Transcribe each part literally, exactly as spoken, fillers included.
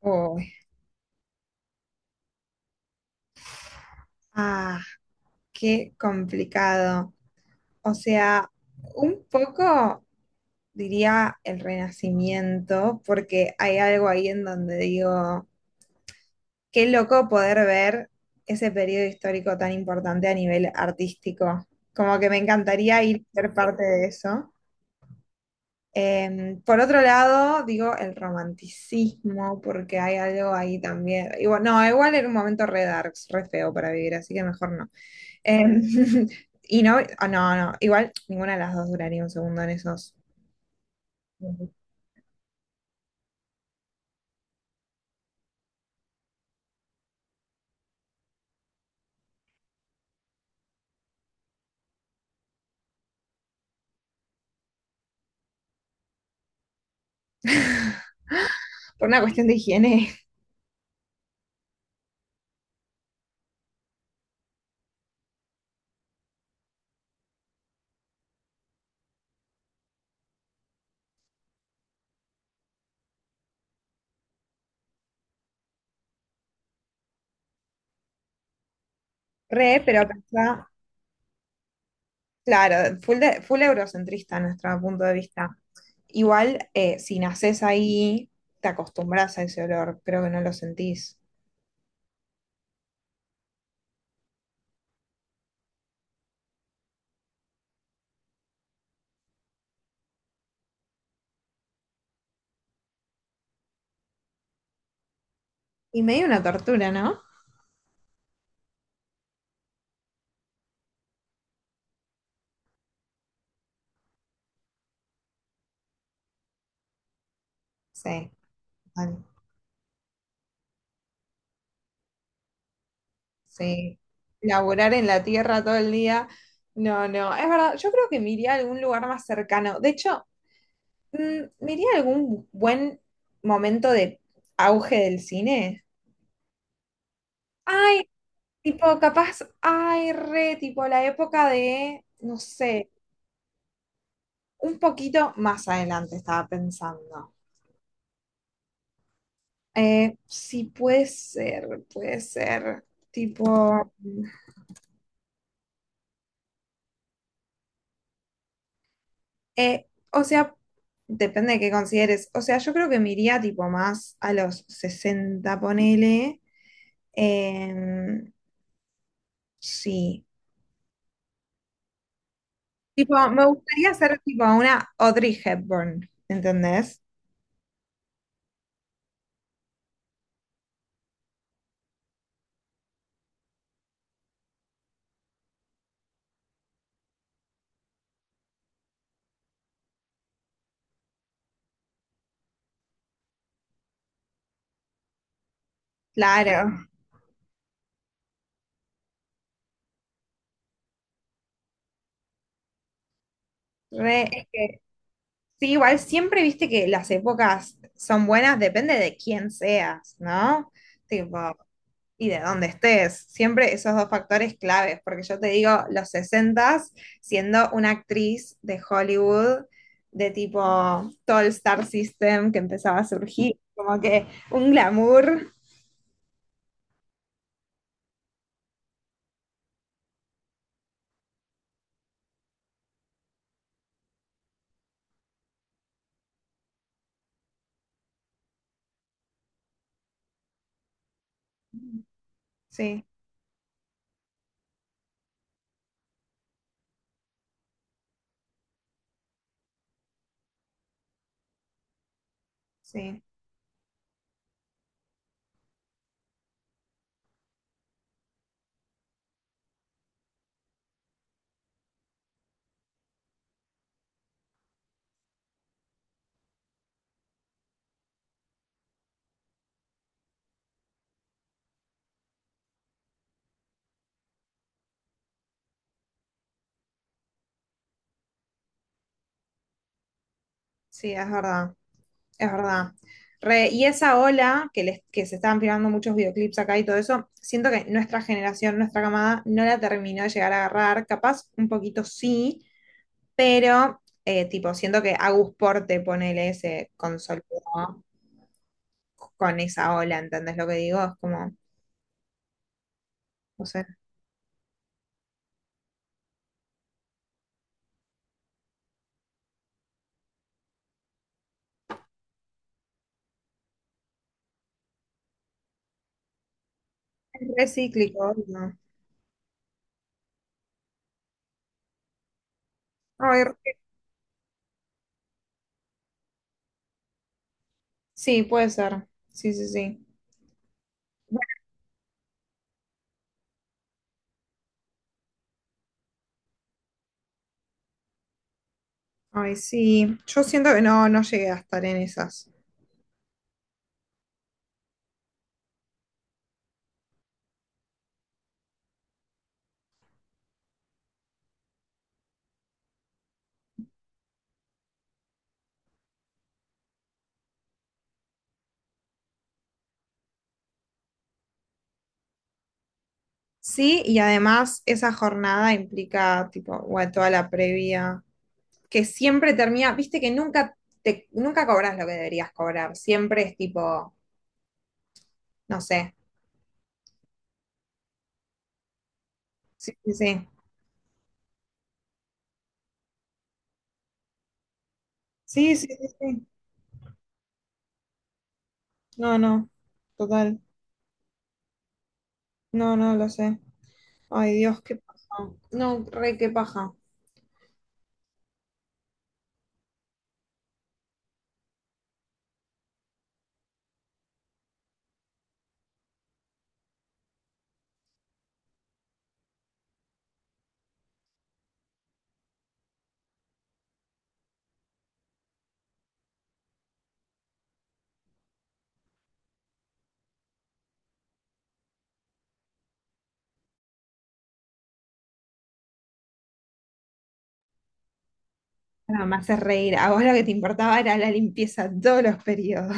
Uy, ah, qué complicado. O sea, un poco diría el Renacimiento, porque hay algo ahí en donde digo, qué loco poder ver ese periodo histórico tan importante a nivel artístico. Como que me encantaría ir a ser parte de eso. Em, por otro lado, digo el romanticismo, porque hay algo ahí también. Igual, no, igual era un momento re darks, re feo para vivir, así que mejor no. Em, y no, ah, no, no, igual ninguna de las dos duraría un segundo en esos. Por una cuestión de higiene. Re, pero pensá, claro, full, de- full eurocentrista nuestro punto de vista. Igual, eh, si nacés ahí, te acostumbras a ese olor, creo que no lo sentís. Y medio una tortura, ¿no? Sí, total, sí. Laborar en la tierra todo el día. No, no, es verdad, yo creo que me iría a algún lugar más cercano. De hecho, Mm, me iría a algún buen momento de auge del cine. Ay, tipo, capaz, ay, re, tipo, la época de, no sé, un poquito más adelante estaba pensando. Eh, sí, puede ser, puede ser, tipo, eh, o sea, depende de qué consideres. O sea, yo creo que me iría, tipo, más a los sesenta ponele. Em, sí. Tipo, me gustaría ser tipo una Audrey Hepburn, ¿entendés? Claro. Re- Sí, igual siempre viste que las épocas son buenas, depende de quién seas, ¿no? Tipo, y de dónde estés. Siempre esos dos factores claves, porque yo te digo, los sesentas siendo una actriz de Hollywood, de tipo todo el Star System que empezaba a surgir, como que un glamour. Sí, sí, sí, es verdad. Es verdad. Re, y esa ola que, les, que se estaban filmando muchos videoclips acá y todo eso, siento que nuestra generación, nuestra camada, no la terminó de llegar a agarrar. Capaz un poquito sí, pero eh, tipo, siento que Agus Porte, ponele, se consolidó con esa ola, ¿entendés lo que digo? Es como, no sé, es re cíclico, ¿no? Ay, re- sí, puede ser. Sí, sí, sí. Ay, sí. Yo siento que no, no llegué a estar en esas. Sí, y además esa jornada implica, tipo, bueno, toda la previa, que siempre termina, viste que nunca te, nunca cobras lo que deberías cobrar, siempre es tipo, no sé. Sí, sí, sí. Sí, sí, sí, sí. No, no, total. No, no, lo sé. Ay, Dios, qué paja. No, re, qué paja. Nada más es reír. A vos lo que te importaba era la limpieza todos los periodos.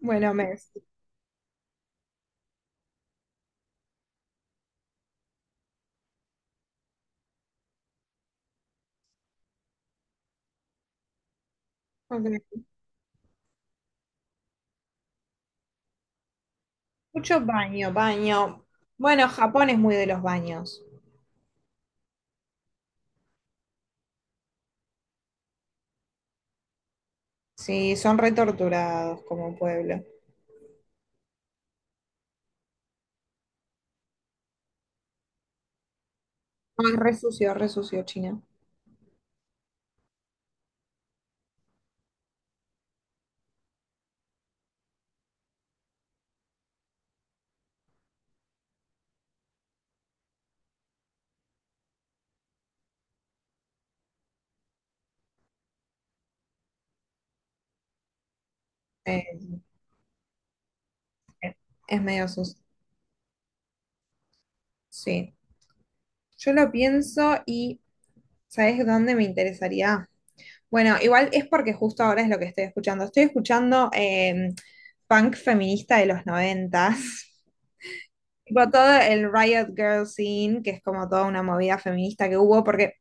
Bueno, mes. Ok. Mucho baño, baño. Bueno, Japón es muy de los baños. Sí, son retorturados como pueblo. No, es re sucio, re sucio China. Eh, eh, es medio sucio. Sí. Yo lo pienso y ¿sabes dónde me interesaría? Bueno, igual es porque justo ahora es lo que estoy escuchando. Estoy escuchando eh, punk feminista de los noventas. Tipo todo el Riot Girl scene, que es como toda una movida feminista que hubo, porque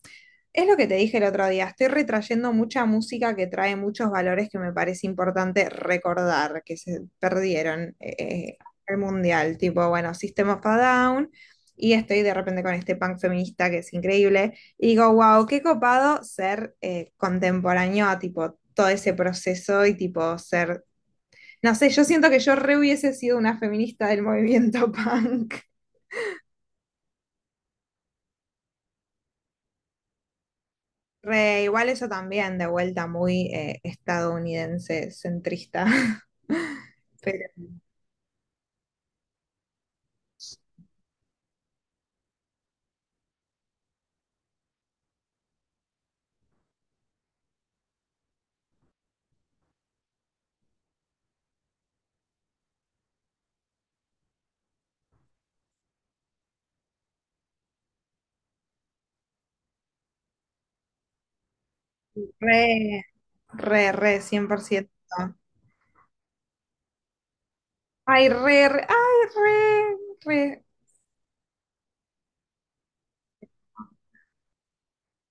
es lo que te dije el otro día, estoy retrayendo mucha música que trae muchos valores que me parece importante recordar, que se perdieron eh, el mundial, tipo, bueno, System of a Down, y estoy de repente con este punk feminista que es increíble, y digo, wow, qué copado ser eh, contemporáneo a tipo todo ese proceso y tipo ser, no sé, yo siento que yo re hubiese sido una feminista del movimiento punk. Re, igual eso también, de vuelta muy eh, estadounidense, centrista. Pero re, re, re, cien por ciento. Ay, re, re, ay, re, re.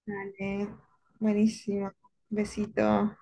Dale, buenísimo. Besito.